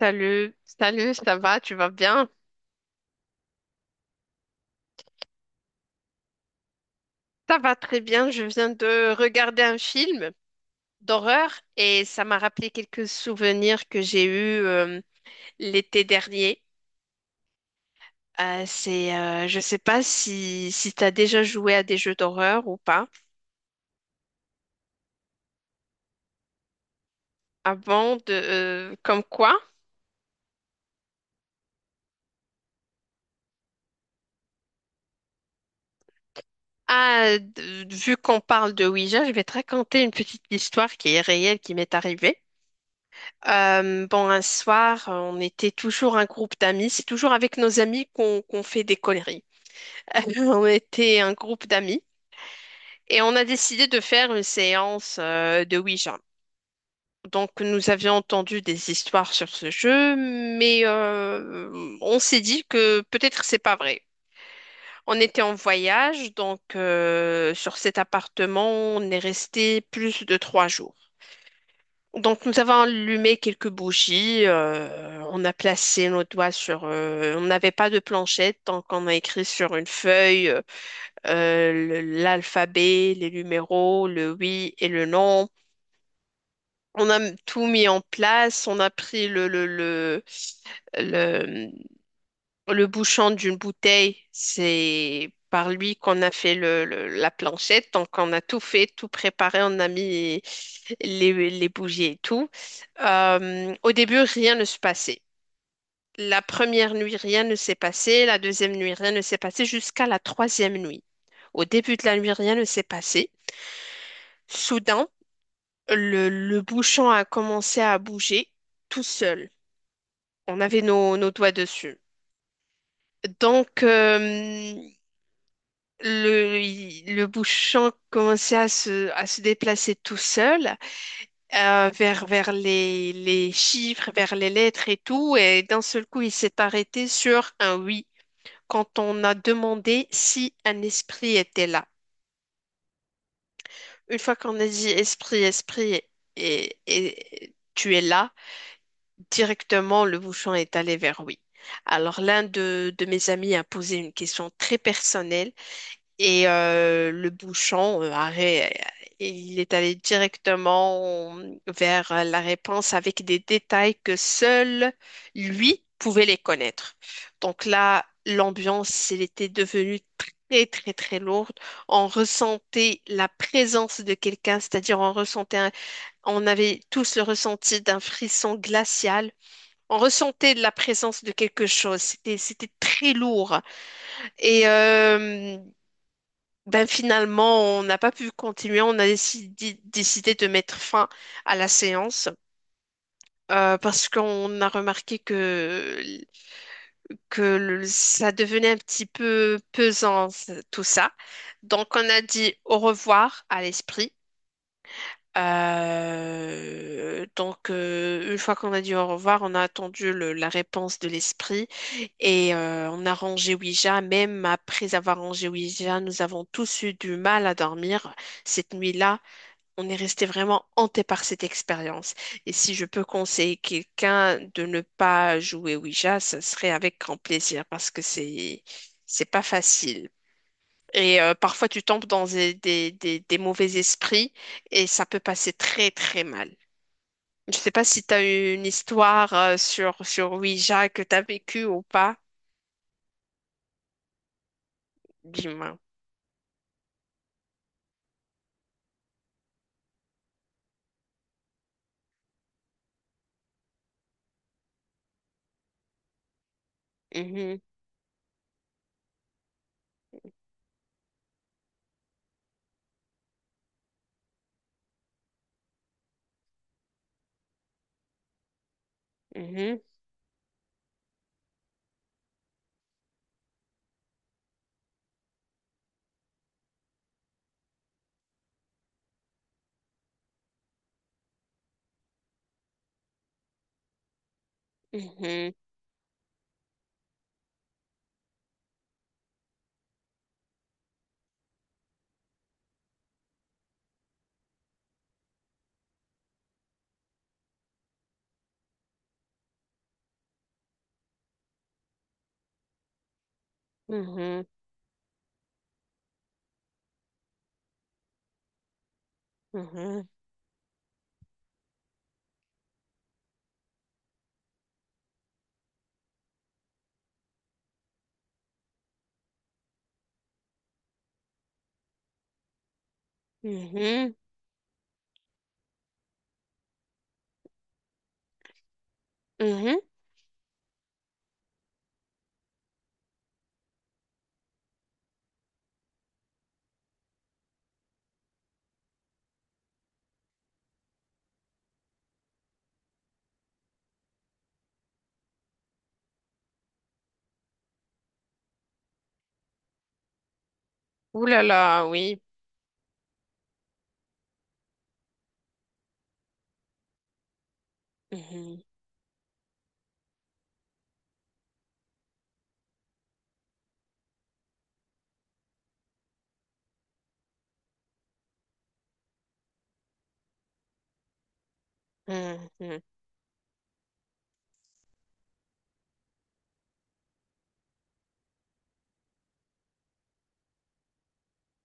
Salut, salut, ça va, tu vas bien? Ça va très bien, je viens de regarder un film d'horreur et ça m'a rappelé quelques souvenirs que j'ai eus l'été dernier. Je sais pas si, si tu as déjà joué à des jeux d'horreur ou pas. Avant de, comme quoi? Ah, vu qu'on parle de Ouija, je vais te raconter une petite histoire qui est réelle, qui m'est arrivée. Bon, un soir, on était toujours un groupe d'amis. C'est toujours avec nos amis qu'on fait des conneries. On était un groupe d'amis et on a décidé de faire une séance de Ouija. Donc, nous avions entendu des histoires sur ce jeu, mais on s'est dit que peut-être c'est pas vrai. On était en voyage, donc sur cet appartement, on est resté plus de 3 jours. Donc, nous avons allumé quelques bougies, on a placé nos doigts sur. On n'avait pas de planchette, donc on a écrit sur une feuille l'alphabet, les numéros, le oui et le non. On a tout mis en place, on a pris le le bouchon d'une bouteille, c'est par lui qu'on a fait la planchette. Donc, on a tout fait, tout préparé, on a mis les bougies et tout. Au début, rien ne se passait. La première nuit, rien ne s'est passé. La deuxième nuit, rien ne s'est passé jusqu'à la troisième nuit. Au début de la nuit, rien ne s'est passé. Soudain, le bouchon a commencé à bouger tout seul. On avait nos doigts dessus. Donc, le bouchon commençait à à se déplacer tout seul vers les chiffres, vers les lettres et tout. Et d'un seul coup, il s'est arrêté sur un oui quand on a demandé si un esprit était là. Une fois qu'on a dit esprit et tu es là, directement le bouchon est allé vers oui. Alors l'un de mes amis a posé une question très personnelle. Et le bouchon, il est allé directement vers la réponse avec des détails que seul lui pouvait les connaître. Donc là, l'ambiance, elle était devenue très, très, très lourde. On ressentait la présence de quelqu'un, c'est-à-dire on ressentait, on avait tous le ressenti d'un frisson glacial. On ressentait la présence de quelque chose. C'était très lourd. Et ben finalement, on n'a pas pu continuer. On a décidé de mettre fin à la séance parce qu'on a remarqué que ça devenait un petit peu pesant, tout ça. Donc, on a dit au revoir à l'esprit une fois qu'on a dit au revoir, on a attendu la réponse de l'esprit et on a rangé Ouija. Même après avoir rangé Ouija, nous avons tous eu du mal à dormir cette nuit-là. On est resté vraiment hanté par cette expérience. Et si je peux conseiller quelqu'un de ne pas jouer Ouija, ce serait avec grand plaisir parce que c'est pas facile. Et parfois, tu tombes dans des mauvais esprits et ça peut passer très, très mal. Je sais pas si tu as eu une histoire sur Ouija que tu as vécue ou pas. Dis-moi. Mhm, mhm, mhm, mhm, mhm, mhm, mhm. Ouh là là, oui. Mhm, mhm.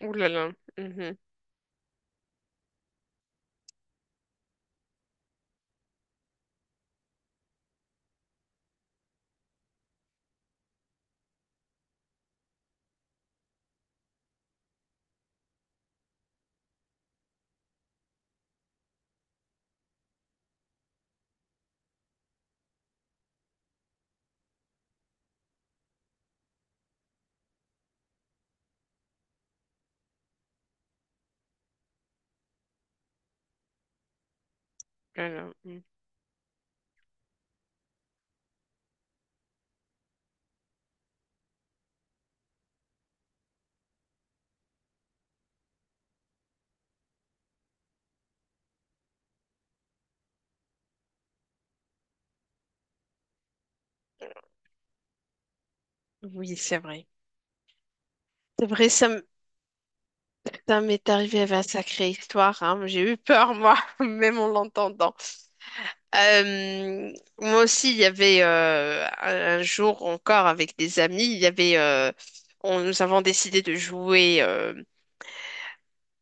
Ouh là là. Mhm, là là, mhm. Oui, c'est vrai. C'est vrai, ça m'est arrivé avec un sacré histoire, hein. J'ai eu peur, moi, même en l'entendant. Euh, Moi aussi, il y avait un jour encore avec des amis, il y avait, nous avons décidé de jouer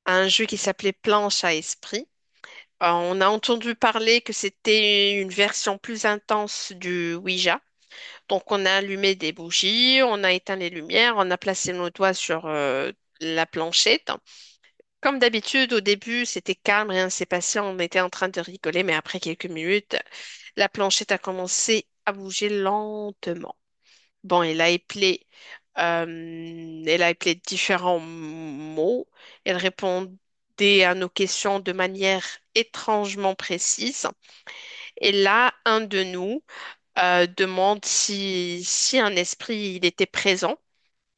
à un jeu qui s'appelait Planche à esprit. On a entendu parler que c'était une version plus intense du Ouija. Donc, on a allumé des bougies, on a éteint les lumières, on a placé nos doigts sur la planchette. Comme d'habitude, au début, c'était calme, rien ne s'est passé, on était en train de rigoler, mais après quelques minutes, la planchette a commencé à bouger lentement. Bon, elle a appelé différents mots. Elle répondait à nos questions de manière étrangement précise. Et là, un de nous demande si un esprit il était présent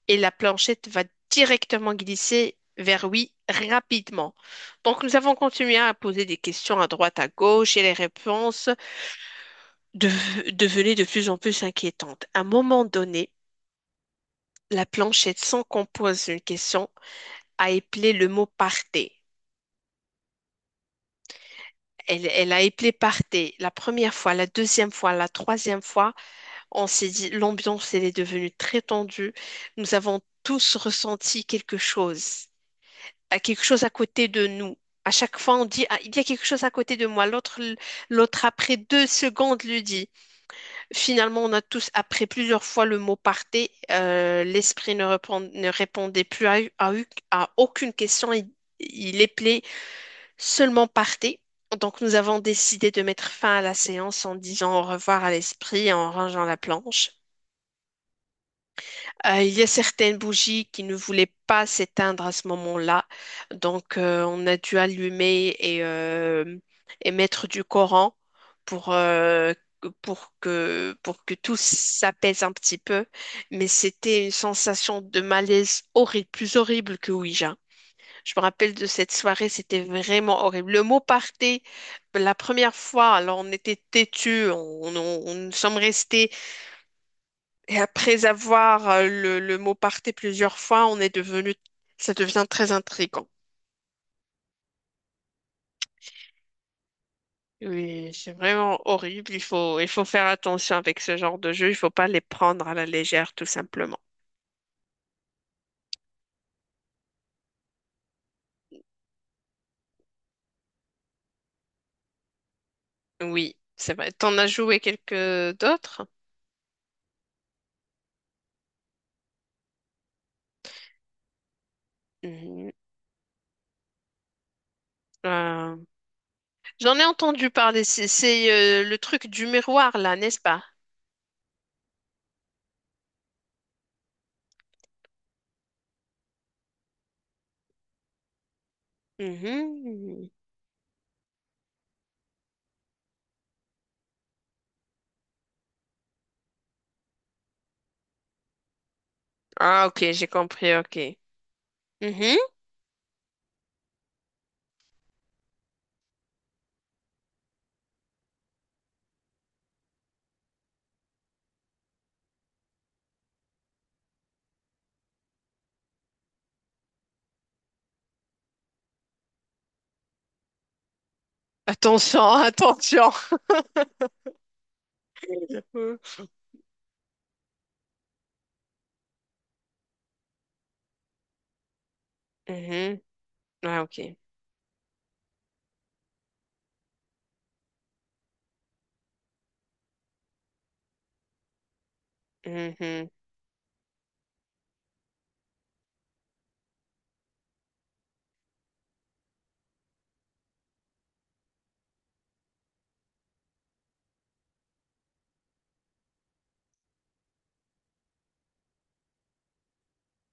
et la planchette va directement glisser vers oui rapidement. Donc nous avons continué à poser des questions à droite, à gauche et les réponses de devenaient de plus en plus inquiétantes. À un moment donné, la planchette, sans qu'on pose une question, a éplé le mot partez. Elle a éplé partez la première fois, la deuxième fois, la troisième fois. On s'est dit, l'ambiance, elle est devenue très tendue. Nous avons tous ressenti quelque chose à côté de nous. À chaque fois, on dit, ah, il y a quelque chose à côté de moi. L'autre, après 2 secondes, le dit. Finalement, on a tous, après plusieurs fois le mot partez, l'esprit ne répondait plus à, à aucune question. Il appelait seulement partez. Donc, nous avons décidé de mettre fin à la séance en disant au revoir à l'esprit et en rangeant la planche. Il y a certaines bougies qui ne voulaient pas s'éteindre à ce moment-là, donc on a dû allumer et mettre du Coran pour, pour que tout s'apaise un petit peu. Mais c'était une sensation de malaise horrible, plus horrible que Ouija. Je me rappelle de cette soirée, c'était vraiment horrible. Le mot party, la première fois, alors on était têtus, on nous sommes restés et après avoir le mot parté plusieurs fois, on est devenu, ça devient très intriguant. Oui, c'est vraiment horrible. Il faut faire attention avec ce genre de jeu. Il faut pas les prendre à la légère, tout simplement. Oui, c'est vrai. T'en as joué quelques d'autres? Mhm. Euh, J'en ai entendu parler. C'est le truc du miroir, là, n'est-ce pas? Mhm. Ah, ok, j'ai compris, ok. Mhm. Attention, attention. Mhm. Ah, ok. Mhm.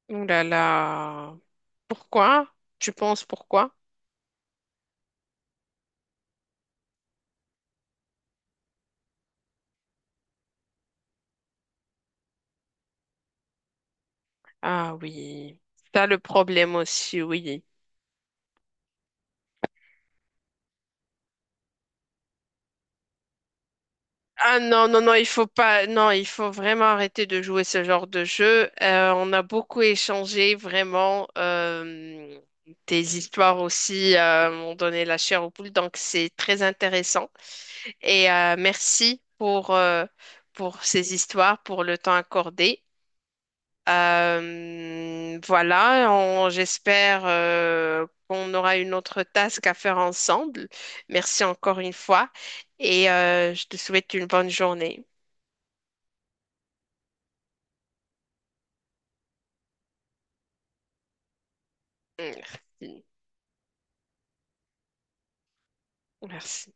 Oh là là. Pourquoi? Tu penses pourquoi? Ah oui. T'as le problème aussi, oui. Ah non, non, non, il faut pas, non, il faut vraiment arrêter de jouer ce genre de jeu. On a beaucoup échangé, vraiment, tes histoires aussi m'ont donné la chair aux poules, donc c'est très intéressant. Et merci pour ces histoires, pour le temps accordé. Voilà, j'espère qu'on aura une autre task à faire ensemble. Merci encore une fois et je te souhaite une bonne journée. Merci. Merci.